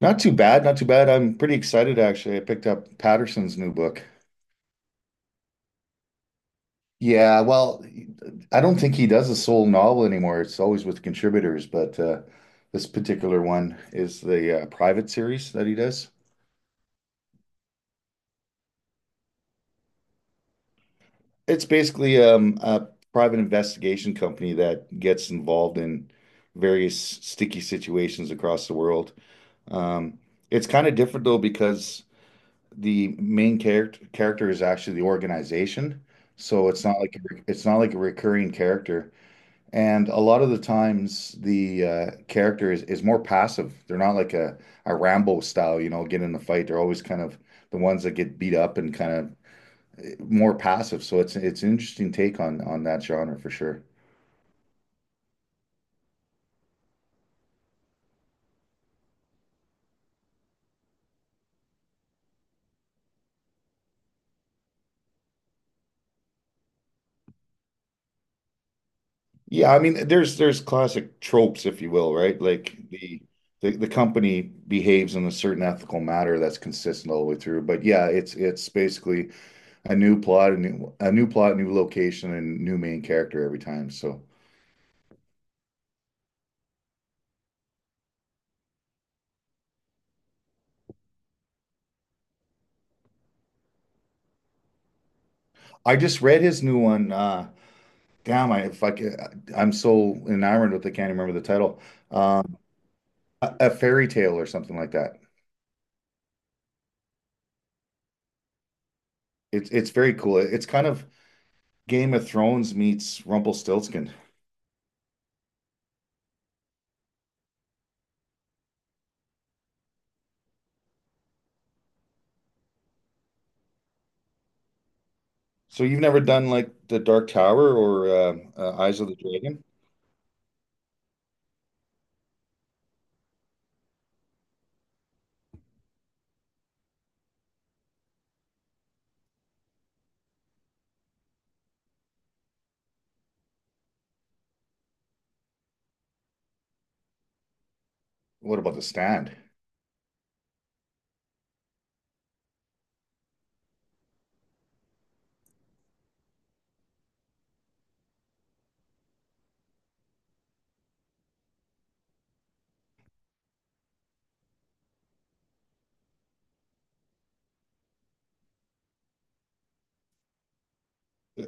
Not too bad, not too bad. I'm pretty excited actually. I picked up Patterson's new book. Yeah, well, I don't think he does a sole novel anymore. It's always with contributors, but this particular one is the private series that he does. It's basically a private investigation company that gets involved in various sticky situations across the world. Um, it's kind of different though because the main character is actually the organization. So it's not like it's not like a recurring character. And a lot of the times the character is more passive. They're not like a Rambo style, you know, get in the fight. They're always kind of the ones that get beat up and kind of more passive. So it's an interesting take on that genre for sure. Yeah, I mean, there's classic tropes, if you will, right? Like the company behaves in a certain ethical matter that's consistent all the way through. But yeah, it's basically a new plot, a new plot, new location, and new main character every time. So I just read his new one. Damn, I if I could, I'm so enamored with it, I can't even remember the title. Um, a fairy tale or something like that. It's very cool. It's kind of Game of Thrones meets Rumpelstiltskin. So you've never done like the Dark Tower or Eyes of the Dragon? What about the stand?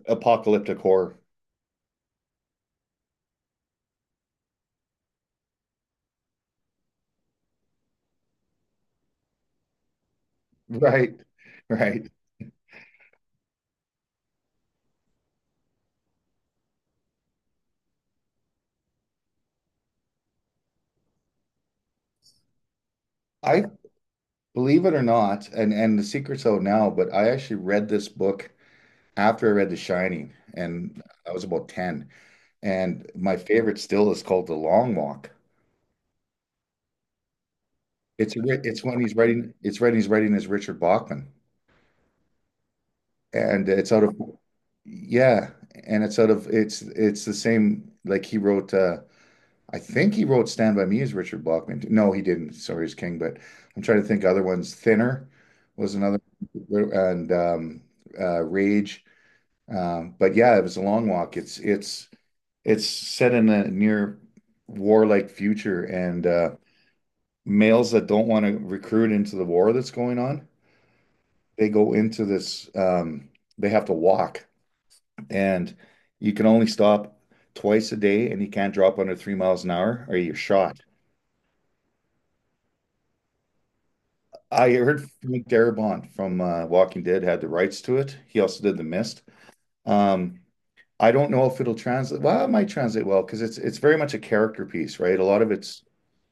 Apocalyptic horror. Right, right. I Believe it or not, and the secret's out now, but I actually read this book after I read The Shining, and I was about 10. And my favorite still is called The Long Walk. It's it's when he's writing it's writing he's writing as Richard Bachman, and it's out of yeah, and it's out of it's the same like he wrote I think he wrote Stand By Me as Richard Blockman. No, he didn't. Sorry, as King, but I'm trying to think other ones. Thinner was another, and Rage. But yeah, it was a long walk. It's set in a near warlike future, and males that don't want to recruit into the war that's going on, they go into this. They have to walk, and you can only stop twice a day, and you can't drop under 3 miles an hour, or you're shot. I heard Frank Darabont from Walking Dead had the rights to it. He also did The Mist. Um, I don't know if it'll translate. Well, it might translate well because it's very much a character piece, right? A lot of it's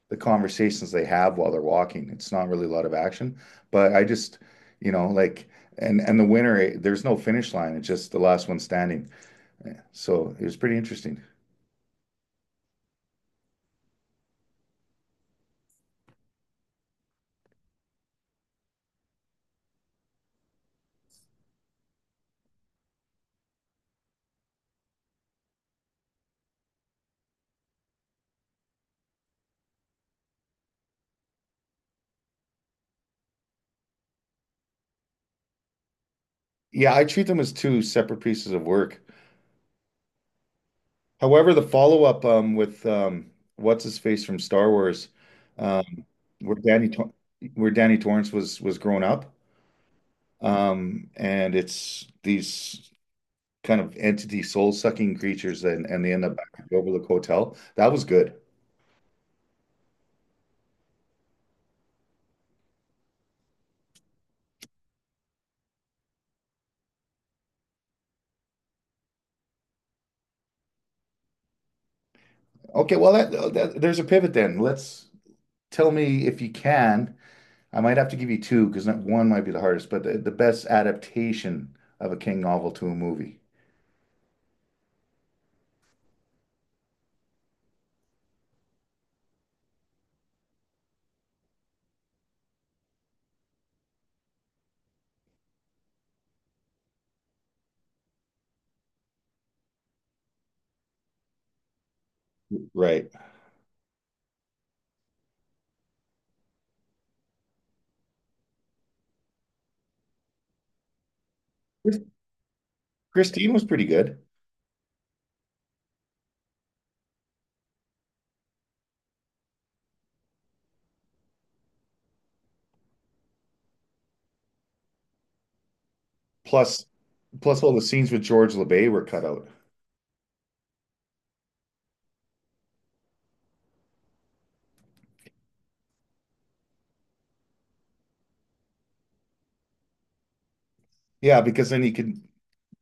the conversations they have while they're walking. It's not really a lot of action, but I just, you know, and the winner, there's no finish line. It's just the last one standing. So it was pretty interesting. Yeah, I treat them as two separate pieces of work. However, the follow-up with what's his face from Star Wars, um, where Danny Tor- where Danny Torrance was grown up, and it's these kind of entity soul-sucking creatures, and they end up back at the Overlook Hotel. That was good. Okay, well that, that there's a pivot then. Let's tell me if you can. I might have to give you two because one might be the hardest, but the best adaptation of a King novel to a movie. Right. Chris- Christine was pretty good. Plus, plus all the scenes with George LeBay were cut out. Yeah, because then he could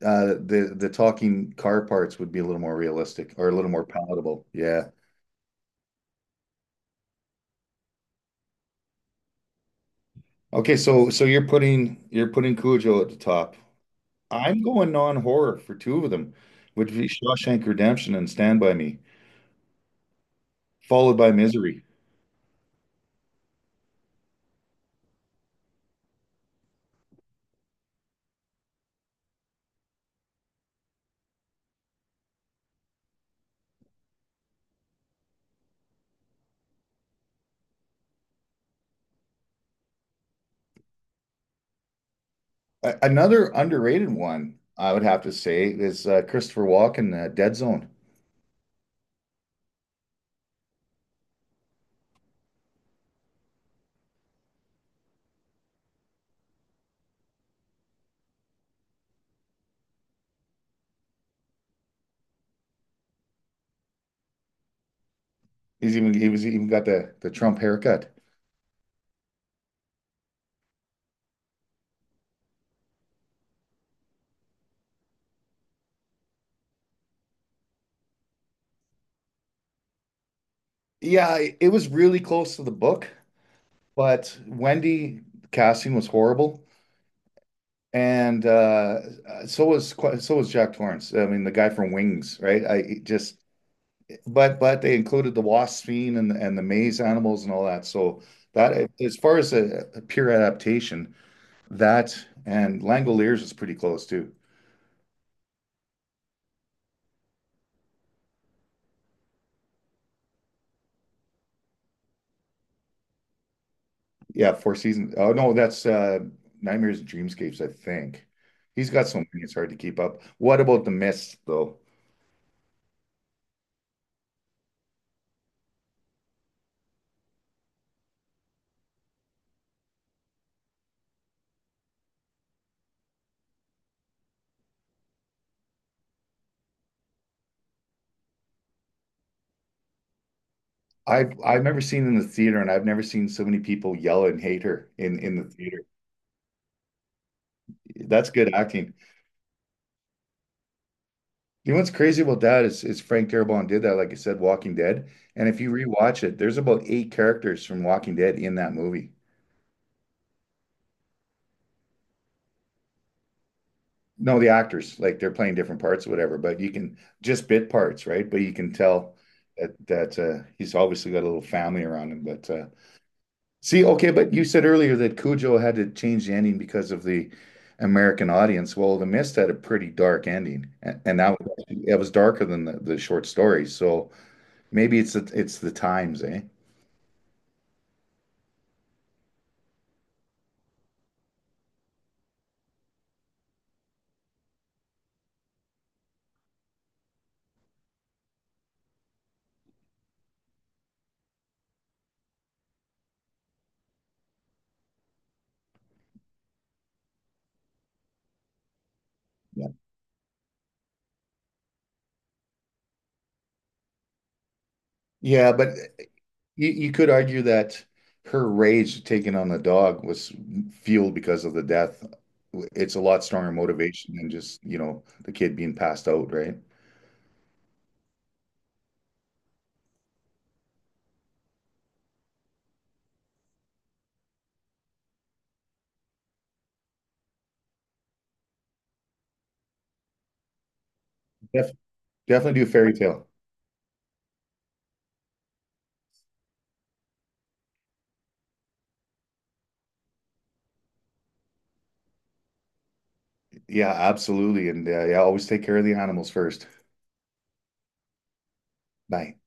the talking car parts would be a little more realistic or a little more palatable. Yeah. Okay, so so you're putting Cujo at the top. I'm going non-horror for two of them, which would be Shawshank Redemption and Stand By Me, followed by Misery. Another underrated one, I would have to say, is Christopher Walken, Dead Zone. He's even he was even got the Trump haircut. Yeah, it was really close to the book, but Wendy casting was horrible, and so was so was Jack Torrance. I mean, the guy from Wings, right? I just but they included the wasp fiend and the maze animals and all that. So that as far as a pure adaptation, that and Langoliers is pretty close too. Yeah, Four Seasons. Oh no, that's Nightmares and Dreamscapes, I think. He's got so many; it's hard to keep up. What about the Mist, though? I've never seen in the theater, and I've never seen so many people yell and hate her in the theater. That's good acting. You know what's crazy about that is Frank Darabont did that, like I said, Walking Dead. And if you rewatch it, there's about eight characters from Walking Dead in that movie. No, the actors, like they're playing different parts or whatever, but you can just bit parts, right? But you can tell that he's obviously got a little family around him. But see, okay, but you said earlier that Cujo had to change the ending because of the American audience. Well, The Mist had a pretty dark ending, and that was it was darker than the short story. So maybe it's it's the times, eh? Yeah. Yeah, but you could argue that her rage taken on the dog was fueled because of the death. It's a lot stronger motivation than just, you know, the kid being passed out, right? Def Definitely do fairy tale. Yeah, absolutely. And yeah, always take care of the animals first. Bye.